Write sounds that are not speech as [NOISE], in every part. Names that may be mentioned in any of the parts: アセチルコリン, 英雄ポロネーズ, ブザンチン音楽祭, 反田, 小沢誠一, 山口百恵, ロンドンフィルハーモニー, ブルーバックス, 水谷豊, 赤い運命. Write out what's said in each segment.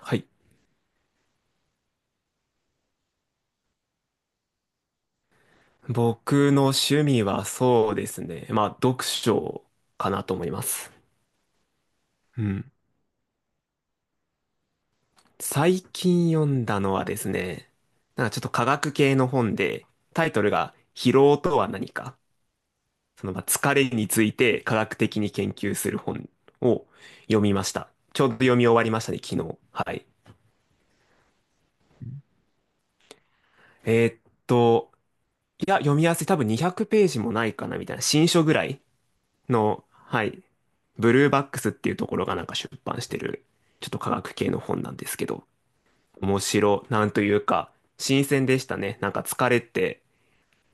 はい。僕の趣味はそうですね。まあ、読書かなと思います。うん。最近読んだのはですね、なんかちょっと科学系の本で、タイトルが疲労とは何か、そのまあ疲れについて科学的に研究する本を読みました。ちょうど読み終わりましたね、昨日。はい。えーっと、いや、読みやすい。多分200ページもないかな、みたいな。新書ぐらいの、はい、ブルーバックスっていうところがなんか出版してる、ちょっと科学系の本なんですけど、なんというか、新鮮でしたね。なんか疲れて、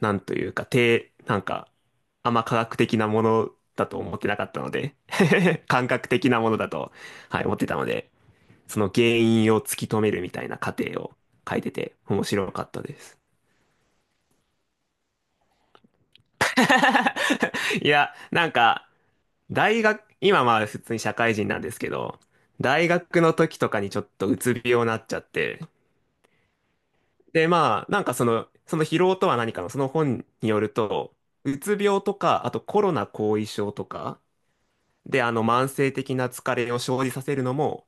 なんというか、て、なんか、あんま科学的なものだと思ってなかったので、[LAUGHS] 感覚的なものだと、はい、思ってたので、その原因を突き止めるみたいな過程を書いてて、面白かったです。[LAUGHS] いや、なんか、大学、今まあ普通に社会人なんですけど、大学の時とかにちょっとうつ病になっちゃって、でその疲労とは何かのその本によると、うつ病とか、あとコロナ後遺症とか、で慢性的な疲れを生じさせるのも、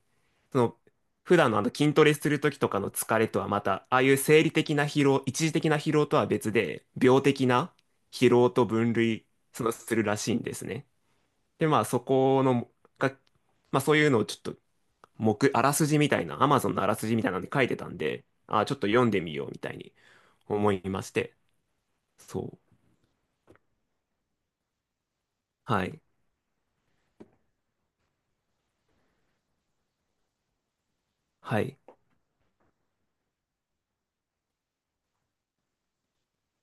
その普段の筋トレする時とかの疲れとはまた、ああいう生理的な疲労、一時的な疲労とは別で、病的な疲労と分類するらしいんですね。で、まあそこの、が、まあそういうのをちょっと、あらすじみたいな、Amazon のあらすじみたいなのに書いてたんで、あーちょっと読んでみようみたいに思いまして。そう。はい。はい。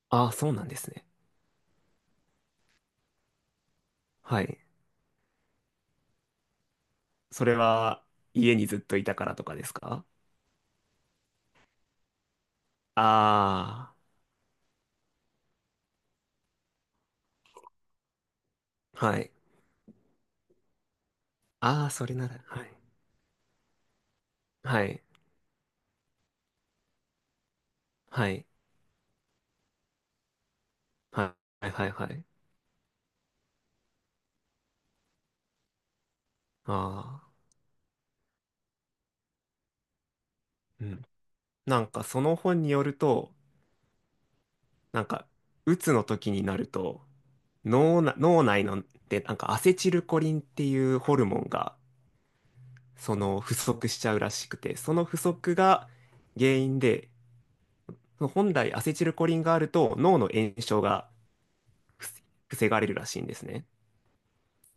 ああ、そうなんですね。はい。それは、家にずっといたからとかですか？ああー、はい。ああ、それなら、はい。はい。はい。はい。はい。はい。ああー、うん。なんかその本によると、なんか、鬱の時になると、脳内ので、なんかアセチルコリンっていうホルモンが、その不足しちゃうらしくて、その不足が原因で、本来アセチルコリンがあると脳の炎症が防がれるらしいんですね。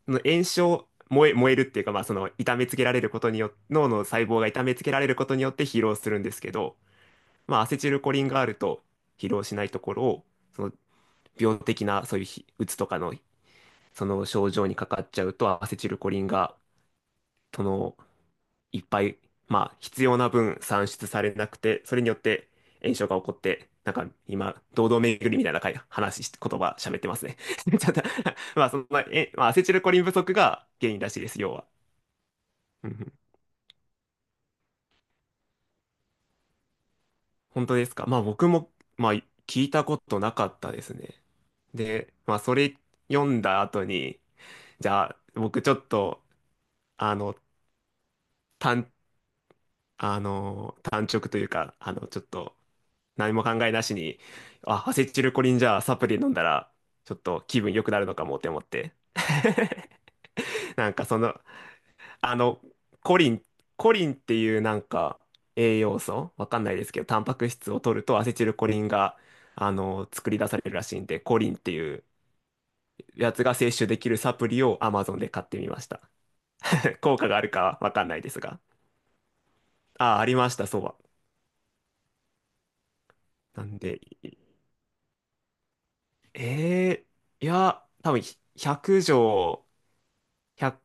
その炎症、燃え、燃えるっていうか、まあその痛めつけられることによって、脳の細胞が痛めつけられることによって疲労するんですけど、まあアセチルコリンがあると疲労しないところを、その病的なそういうひうつとかのその症状にかかっちゃうとアセチルコリンがその、いっぱい、まあ、必要な分産出されなくて、それによって炎症が起こって、なんか今、堂々巡りみたいな会話し、言葉喋ってますね。[LAUGHS] ちょっとまあ、アセチルコリン不足が原因らしいです、要は。うんうん本当ですか？まあ、僕も、まあ、聞いたことなかったですね。で、まあ、それ読んだ後に、じゃあ、僕ちょっと、あの、単、単直というか、あの、ちょっと、何も考えなしに、あ、アセチルコリンじゃあサプリ飲んだら、ちょっと気分良くなるのかもって思って。[LAUGHS] なんかその、あの、コリン、コリンっていうなんか栄養素、わかんないですけど、タンパク質を取るとアセチルコリンが、あの、作り出されるらしいんで、コリンっていうやつが摂取できるサプリを Amazon で買ってみました。[LAUGHS] 効果があるかわかんないですが。あ、ありました、そうは。なんで、えいや、多分100錠、100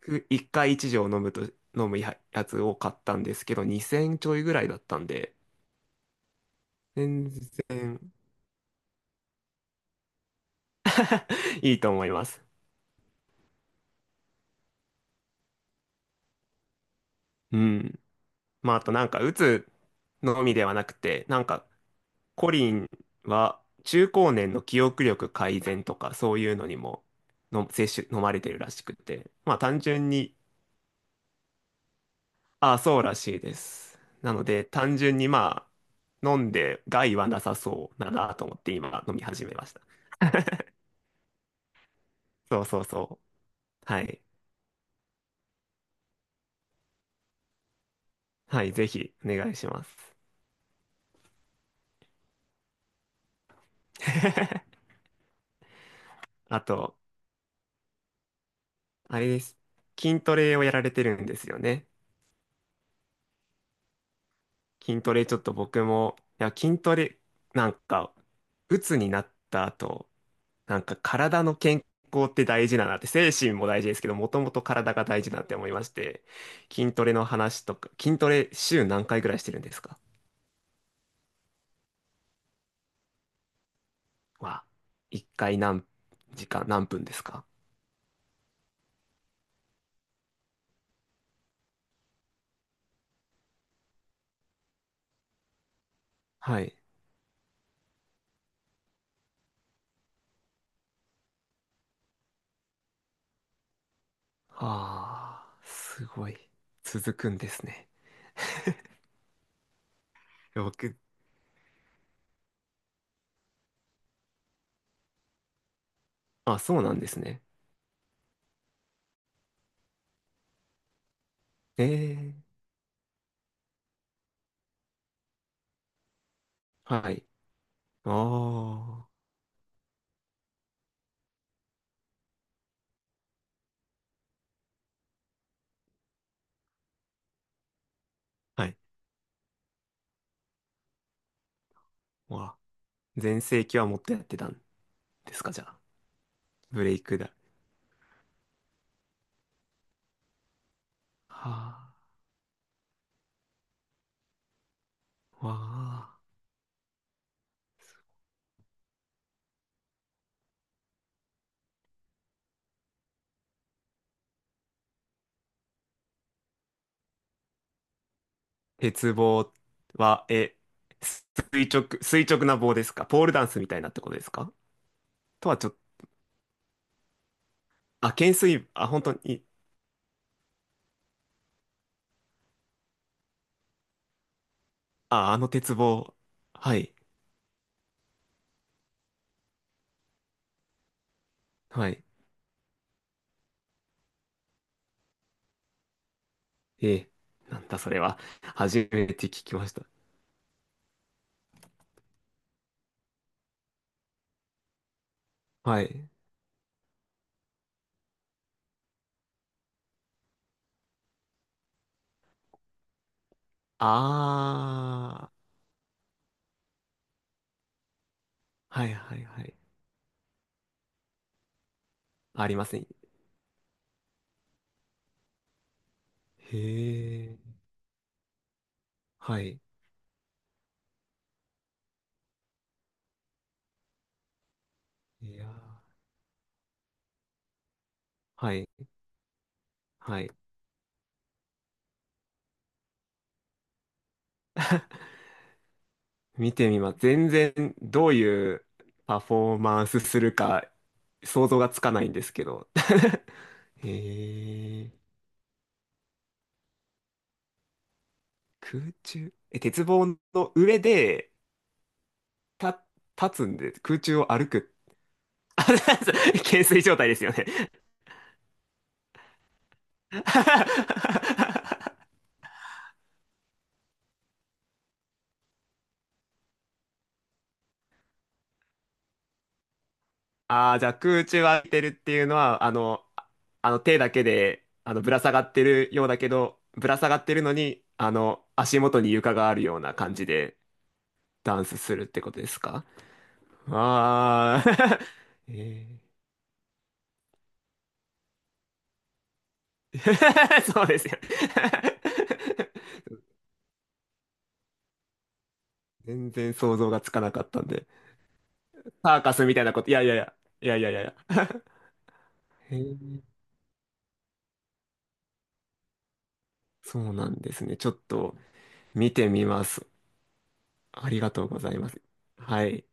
く1回1錠飲むと、飲むや、やつを買ったんですけど、2000ちょいぐらいだったんで、全然 [LAUGHS] いいと思います。うん。まあ、あとなんか、うつのみではなくて、なんか、コリンは中高年の記憶力改善とか、そういうのにもの、摂取、飲まれてるらしくて、まあ、単純に、ああ、そうらしいです。なので、単純にまあ、飲んで害はなさそうだなと思って今飲み始めました。そうそうそう。はい。はい、ぜひお願いします。[LAUGHS] あと、あれです。筋トレをやられてるんですよね？筋トレちょっと僕も、いや、筋トレ、なんか、鬱になった後、なんか体の健康って大事だなって、精神も大事ですけど、もともと体が大事だなって思いまして、筋トレの話とか、筋トレ週何回ぐらいしてるんですか？は、1回何時間、何分ですか？はい。ああ、すごい。続くんですね。僕、あ、そうなんですね。ええ、はい。ああ、はい。わ、全盛期はもっとやってたんですか、じゃあ？ブレイクだ。はあ、わあ。鉄棒は、え、す垂直、垂直な棒ですか？ポールダンスみたいなってことですか？とはちょっと、あ、懸垂、あ、本当に、あ、あの鉄棒。はい、はい。ええ、なんだそれは。初めて聞きました。はい。ああ、はいはいはい。ありますね。へえ。はい。いやー、はい。はい。[LAUGHS] 見てみます。全然どういうパフォーマンスするか想像がつかないんですけど。[LAUGHS] へえ。空中、え、鉄棒の上で、た、立つんで、空中を歩く。[LAUGHS] あ、懸垂状態ですよね。[LAUGHS] ああ、じゃあ空中を歩いてるっていうのは、あの、ああの、手だけで、あの、ぶら下がってるようだけど、ぶら下がってるのに、あの、足元に床があるような感じでダンスするってことですか？ああー、[LAUGHS] えー [LAUGHS] そうですよ。[LAUGHS] 全然想像がつかなかったんで。サーカスみたいなこと、いやいやいや、いやいやいやいや。へーそうなんですね。ちょっと見てみます。ありがとうございます。はい。